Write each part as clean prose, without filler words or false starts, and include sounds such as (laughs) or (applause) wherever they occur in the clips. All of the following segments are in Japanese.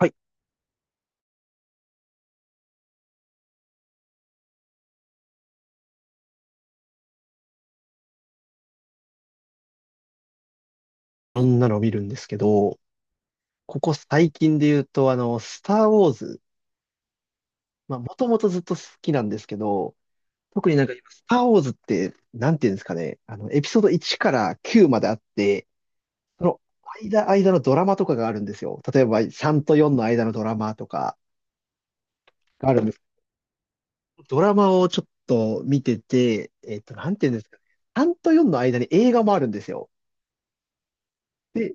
はい。そんなのを見るんですけど、ここ最近で言うと、スター・ウォーズ。まあ、もともとずっと好きなんですけど、特になんか今、スター・ウォーズって、なんていうんですかね、あの、エピソード1から9まであって、その間のドラマとかがあるんですよ。例えば、3と4の間のドラマとかがあるんです。ドラマをちょっと見てて、えっと、なんていうんですかね、3と4の間に映画もあるんですよ。で、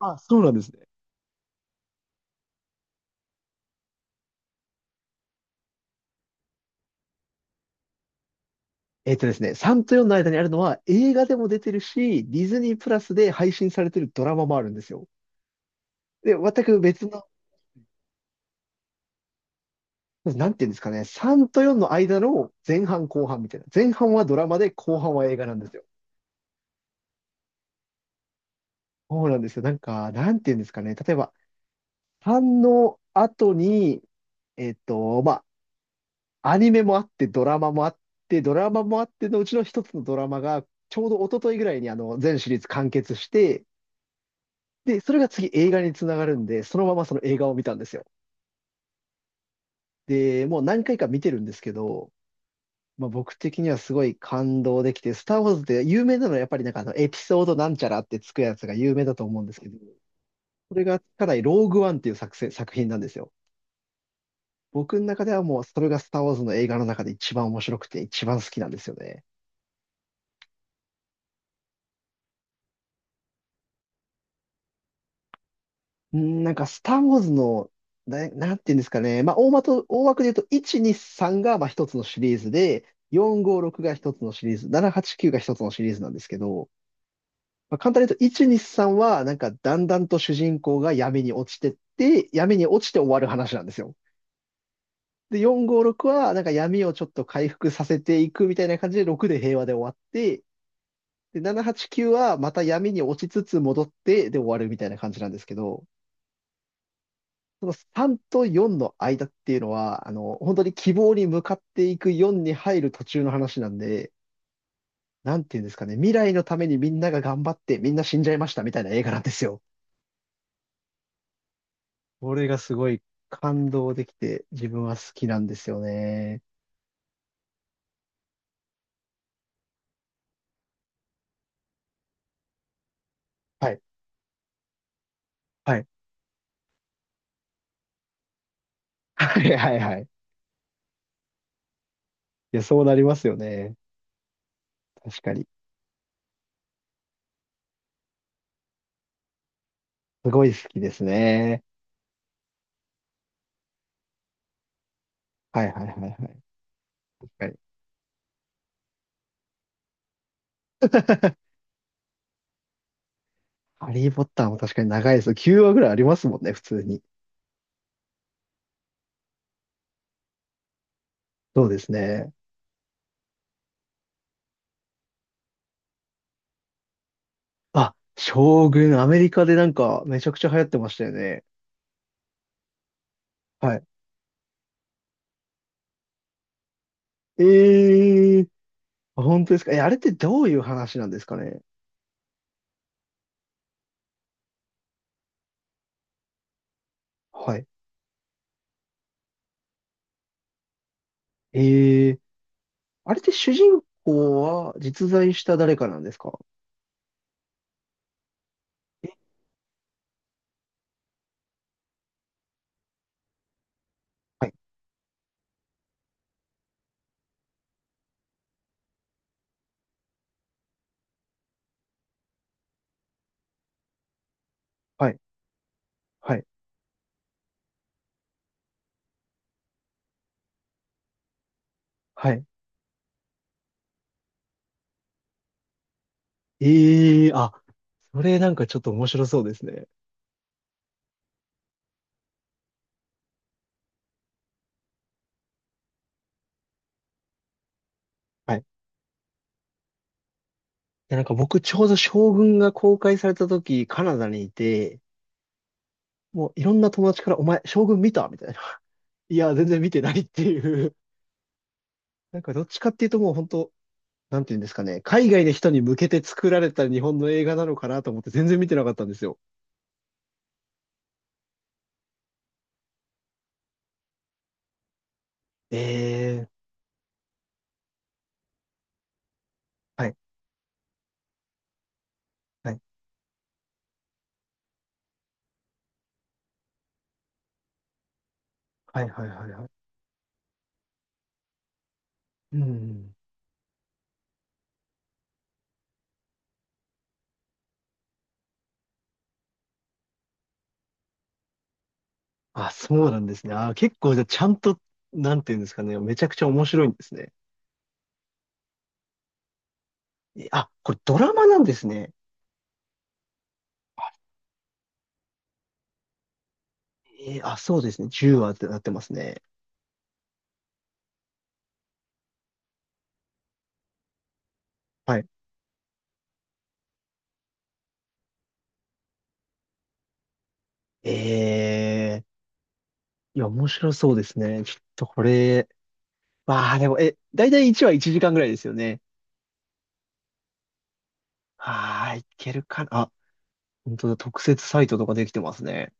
あ、そうなんですね。3と4の間にあるのは映画でも出てるし、ディズニープラスで配信されてるドラマもあるんですよ。で、全く別の、なんていうんですかね、3と4の間の前半後半みたいな。前半はドラマで後半は映画なんですよ。そうなんですよ。なんか、なんていうんですかね、例えば3の後に、まあ、アニメもあってドラマもあってのうちの一つのドラマが、ちょうど一昨日ぐらいにあの全シリーズ完結して、で、それが次映画につながるんで、そのままその映画を見たんですよ。で、もう何回か見てるんですけど、まあ、僕的にはすごい感動できて、スター・ウォーズって有名なのはやっぱりなんかあのエピソードなんちゃらってつくやつが有名だと思うんですけど、それがかなりローグワンっていう作品なんですよ。僕の中ではもうそれがスター・ウォーズの映画の中で一番面白くて一番好きなんですよね。うん、なんか、スター・ウォーズの、な、なんていうんですかね。まあ、大まと、大枠で言うと、1、2、3が、まあ、一つのシリーズで、4、5、6が一つのシリーズ、7、8、9が一つのシリーズなんですけど、まあ、簡単に言うと、1、2、3は、なんか、だんだんと主人公が闇に落ちてって、闇に落ちて終わる話なんですよ。で、4、5、6は、なんか闇をちょっと回復させていくみたいな感じで、6で平和で終わって、で、7、8、9は、また闇に落ちつつ戻って、で終わるみたいな感じなんですけど、その3と4の間っていうのは、本当に希望に向かっていく4に入る途中の話なんで、なんていうんですかね、未来のためにみんなが頑張ってみんな死んじゃいましたみたいな映画なんですよ。これがすごい感動できて自分は好きなんですよね。はい、はい、はい、はい、はい。いや、そうなりますよね。確かに。すごい好きですね。はい、はい、はい、はい。確かに。(laughs) ハリー・ポッターも確かに長いです。9話ぐらいありますもんね、普通に。そうですね。あ、将軍、アメリカでなんかめちゃくちゃ流行ってましたよね。はい。ええ、あ、本当ですか？え、あれってどういう話なんですかね？はい。ええ、あれって主人公は実在した誰かなんですか？え、はい、はい、はい、はい。ええ、あ、それなんかちょっと面白そうですね。はい。で、なんか僕ちょうど将軍が公開された時、カナダにいて、もういろんな友達から、お前、将軍見たみたいな。いや、全然見てないっていう。なんかどっちかっていうともう本当、なんていうんですかね、海外の人に向けて作られた日本の映画なのかなと思って全然見てなかったんですよ。ええ、はい、はい、はい、はい、はい。はい。うん。あ、そうなんですね。あ、結構じゃあちゃんと、なんていうんですかね、めちゃくちゃ面白いんですね。え、あ、これドラマなんですね。あ、そうですね。10話ってなってますね。はい。ええ、いや、面白そうですね。ちょっとこれ、わあ、でも、え、だいたい1話1時間ぐらいですよね。はーい、いけるかな。あ、本当だ、特設サイトとかできてますね。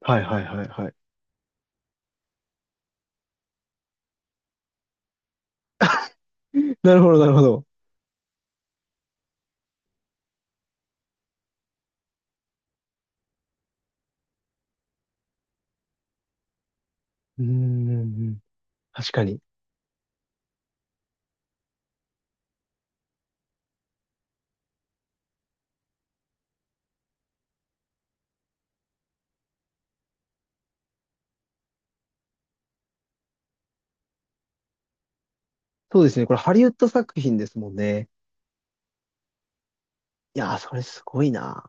はい、はい、はい、はい。(laughs) なるほど、なるほど。うーん。確かに。そうですね。これハリウッド作品ですもんね。いやー、それすごいな。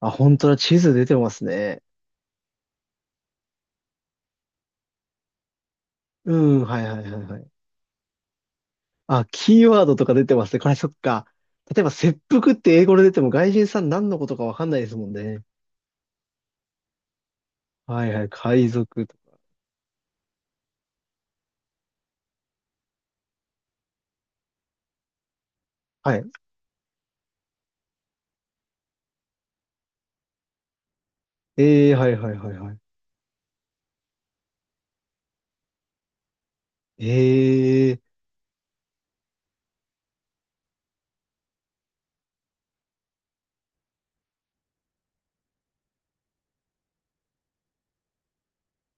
あ、本当だ。地図出てますね。うん、はい、はい、はい、はい。あ、キーワードとか出てますね。これそっか。例えば、切腹って英語で出ても外人さん何のことかわかんないですもんね。はい、はい。海賊とか。はい。ええー、はい、はい、はい、はい。ええー、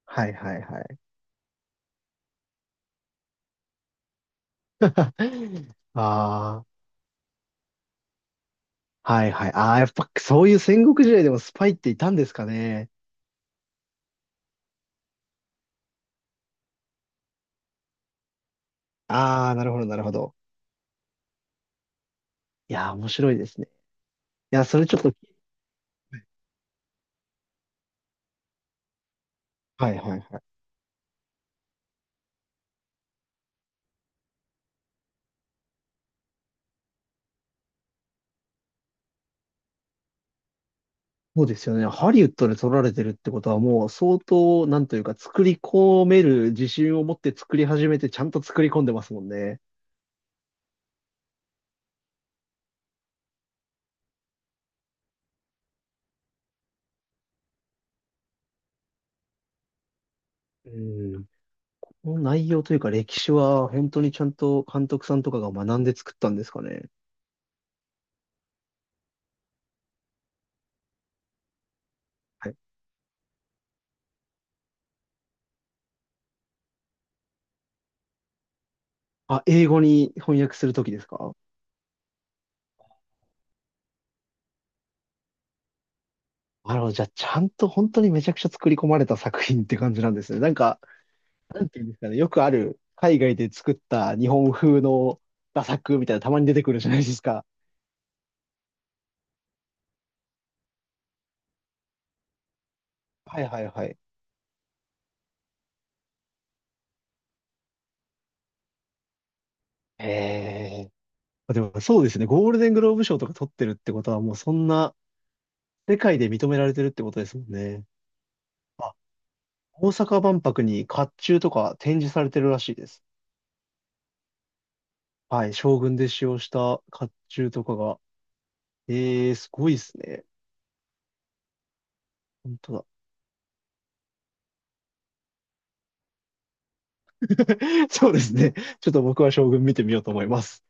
はい、はい、はい。(laughs) ああ。はい、はい。ああ、やっぱそういう戦国時代でもスパイっていたんですかね。ああ、なるほど、なるほど。いやー、面白いですね。いや、それちょっと、はい、はい、はい。そうですよね。ハリウッドで撮られてるってことはもう相当、なんというか、作り込める自信を持って作り始めて、ちゃんと作り込んでますもんね。うん。この内容というか、歴史は本当にちゃんと監督さんとかが学んで作ったんですかね。はい。あ、英語に翻訳するときですか？なるほど。じゃあ、ちゃんと本当にめちゃくちゃ作り込まれた作品って感じなんですね。なんか、なんていうんですかね。よくある、海外で作った日本風の画作みたいな、たまに出てくるじゃないですか。はい、はい、はい。へえ。でもそうですね。ゴールデングローブ賞とか取ってるってことは、もうそんな世界で認められてるってことですもんね。あ、大阪万博に甲冑とか展示されてるらしいです。はい。将軍で使用した甲冑とかが。ええ、すごいですね。本当。 (laughs) そうですね。ちょっと僕は将軍見てみようと思います。